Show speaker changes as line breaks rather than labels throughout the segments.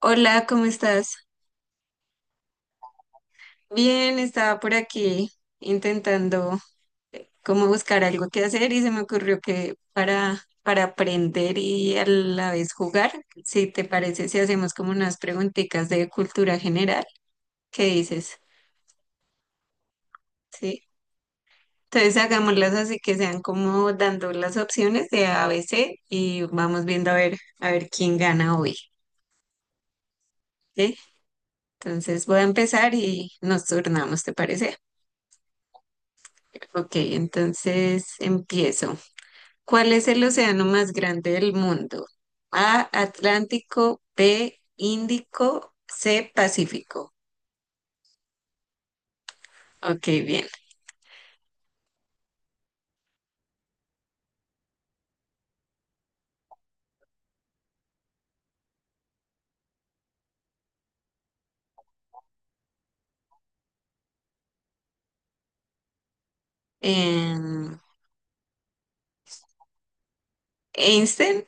Hola, ¿cómo estás? Bien, estaba por aquí intentando como buscar algo que hacer y se me ocurrió que para aprender y a la vez jugar, si te parece, si hacemos como unas preguntitas de cultura general, ¿qué dices? Sí. Entonces hagámoslas así que sean como dando las opciones de A, B, C y vamos viendo a ver quién gana hoy. ¿Sí? Entonces voy a empezar y nos turnamos, ¿te parece? Ok, entonces empiezo. ¿Cuál es el océano más grande del mundo? A, Atlántico, B, Índico, C, Pacífico. Ok, bien. Em, Einstein.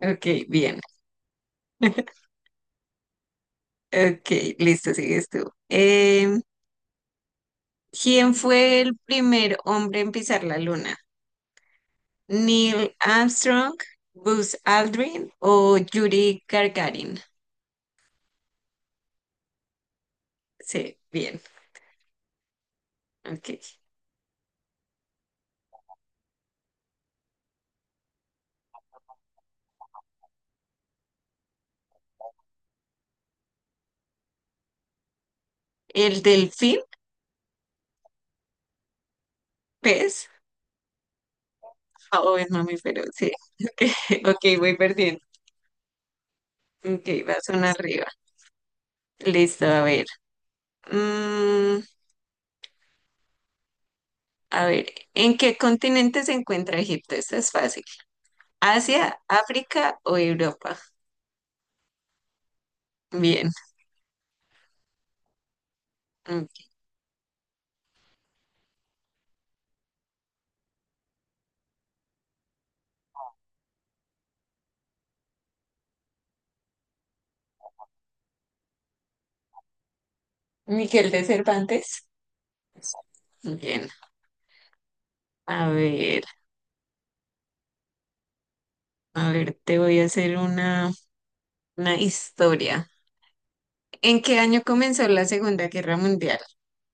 Ok, bien. Ok, listo, sigues tú. ¿Quién fue el primer hombre en pisar la luna? ¿Neil Armstrong, Buzz Aldrin o Yuri Gagarin? Sí, bien. Ok. ¿El delfín? ¿Pez? Ah, oh, es mami, pero sí. Ok, ok, voy perdiendo. Ok, vas una arriba. Listo, a ver. Mm, a ver, ¿en qué continente se encuentra Egipto? Esto es fácil. ¿Asia, África o Europa? Bien. Mm. Miguel de Cervantes. Bien. A ver, a ver, te voy a hacer una historia. ¿En qué año comenzó la Segunda Guerra Mundial?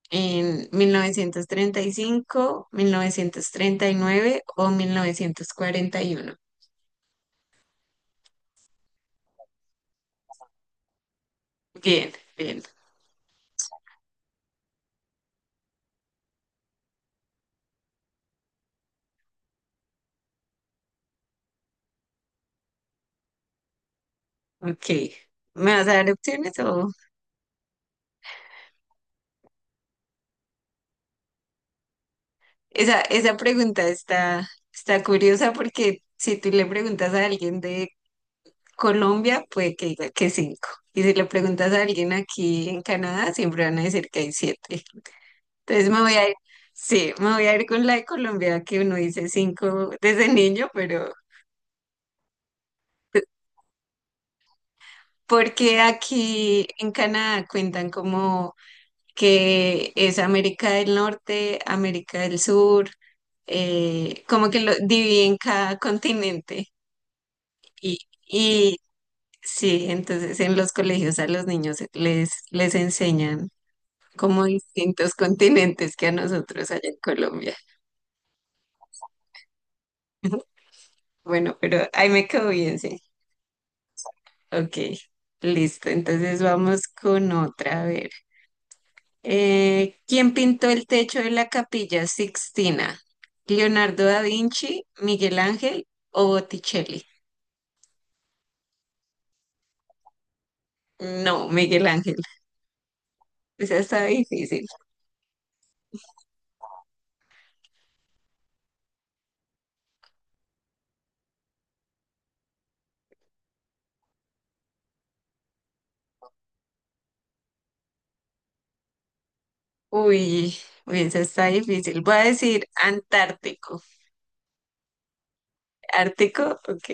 En mil novecientos treinta y cinco, 1939, o 1941. Bien, bien, ok. ¿Me vas a dar opciones o...? Esa pregunta está curiosa porque si tú le preguntas a alguien de Colombia, puede que diga que cinco. Y si le preguntas a alguien aquí en Canadá, siempre van a decir que hay siete. Entonces me voy a ir, sí, me voy a ir con la de Colombia, que uno dice cinco desde niño, pero... Porque aquí en Canadá cuentan como que es América del Norte, América del Sur, como que lo dividen cada continente. Y, y sí, entonces en los colegios a los niños les enseñan como distintos continentes que a nosotros allá en Colombia. Bueno, pero ahí me quedó bien, sí. Ok, listo. Entonces vamos con otra, a ver. ¿Quién pintó el techo de la Capilla Sixtina? ¿Leonardo da Vinci, Miguel Ángel o Botticelli? No, Miguel Ángel. Esa está difícil. Uy, uy, esa está difícil. Voy a decir Antártico. ¿Ártico? Ok.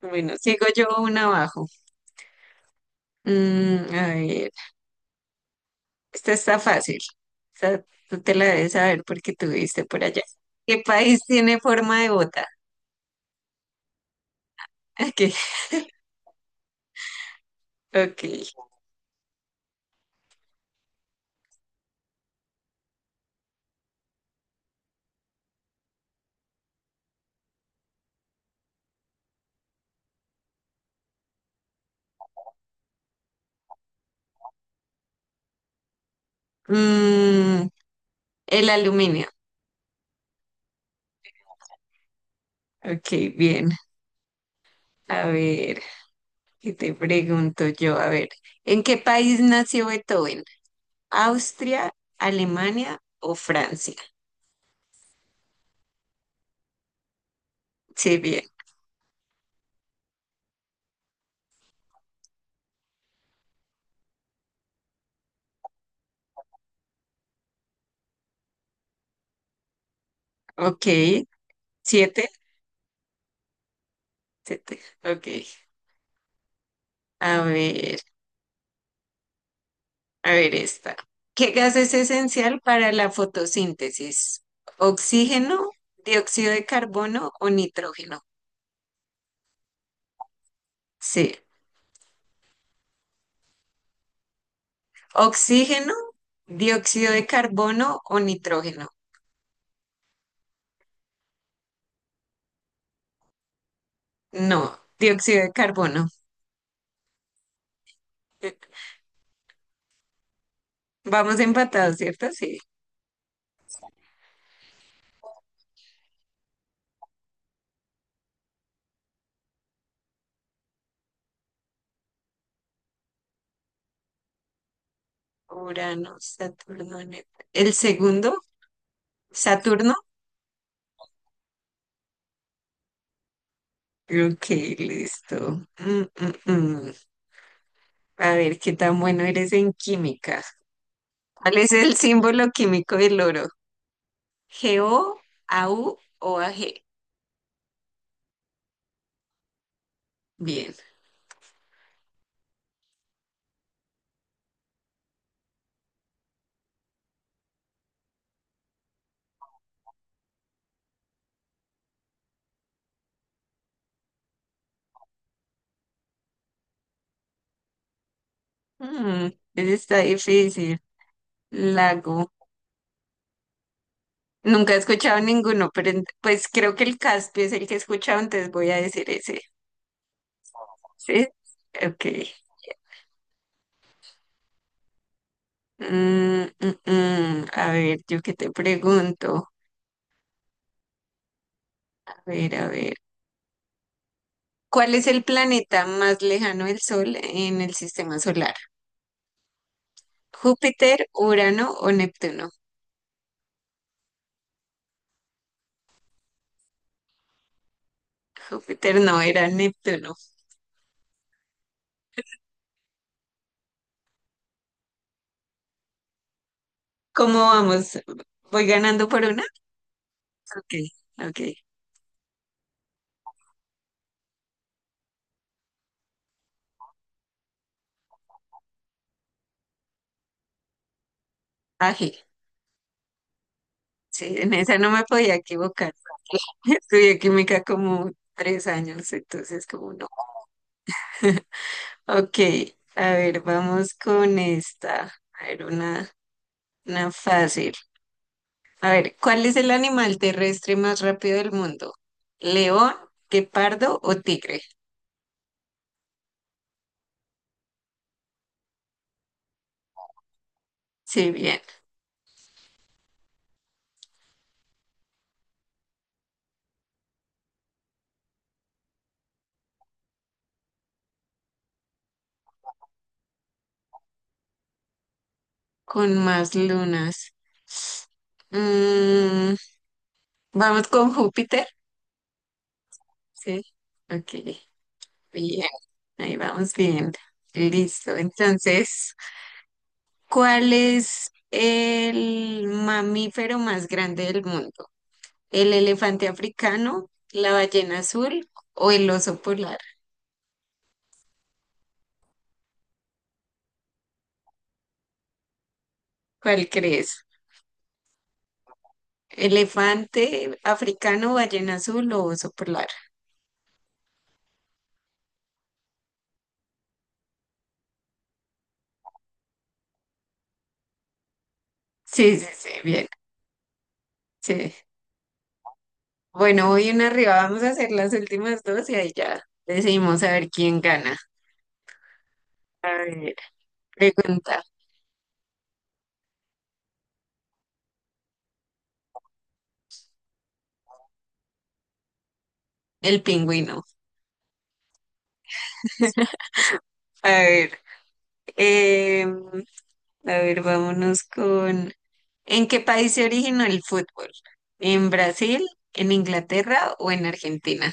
Bueno, sigo yo una abajo. A ver, esta está fácil. Esta tú te la debes saber porque tuviste por allá. ¿Qué país tiene forma de bota? Ok, ok. Mm, El aluminio. Ok, bien. A ver, ¿qué te pregunto yo? A ver, ¿en qué país nació Beethoven? ¿Austria, Alemania o Francia? Sí, bien. Ok. ¿Siete? Siete. Ok. A ver, a ver esta. ¿Qué gas es esencial para la fotosíntesis? ¿Oxígeno, dióxido de carbono o nitrógeno? Sí. ¿Oxígeno, dióxido de carbono o nitrógeno? No, dióxido de carbono. Eh, Vamos empatados, ¿cierto? Sí. Urano, Saturno, Neptuno. El segundo, Saturno. Ok, listo. Mm, mm. A ver, qué tan bueno eres en química. ¿Cuál es el símbolo químico del oro? ¿GO, AU o AG? Bien. Mm, ese está difícil. Lago. Nunca he escuchado ninguno, pero pues creo que el Caspio es el que he escuchado, entonces voy a decir ese. ¿Sí? Ok. Mm. A ver, yo qué te pregunto. A ver, a ver. ¿Cuál es el planeta más lejano del Sol en el sistema solar? ¿Júpiter, Urano o Neptuno? Júpiter no, era Neptuno. ¿Cómo vamos? ¿Voy ganando por una? Ok, ok. Ají. Sí, en esa no me podía equivocar. Estudié química como 3 años, entonces como no. Ok, a ver, vamos con esta. A ver, una fácil. A ver, ¿cuál es el animal terrestre más rápido del mundo? ¿León, guepardo o tigre? Sí, bien, con más lunas. Mm, vamos con Júpiter. Sí, ok, bien, ahí vamos bien. Listo, entonces, ¿cuál es el mamífero más grande del mundo? ¿El elefante africano, la ballena azul o el oso polar? ¿Cuál crees? Elefante africano, ballena azul o oso polar. Sí, sí, sí, bien. Sí. Bueno, hoy una arriba, vamos a hacer las últimas dos y ahí ya decidimos a ver quién gana. A ver, pregunta, el pingüino. A ver, em, a ver, vámonos con... ¿En qué país se originó el fútbol? ¿En Brasil, en Inglaterra o en Argentina?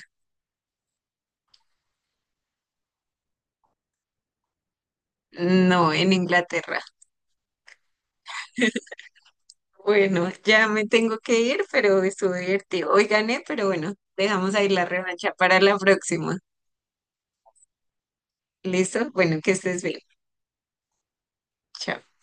No, en Inglaterra. Bueno, ya me tengo que ir, pero estuvo divertido. Hoy gané, pero bueno, dejamos ahí la revancha para la próxima. ¿Listo? Bueno, que estés bien. Chao.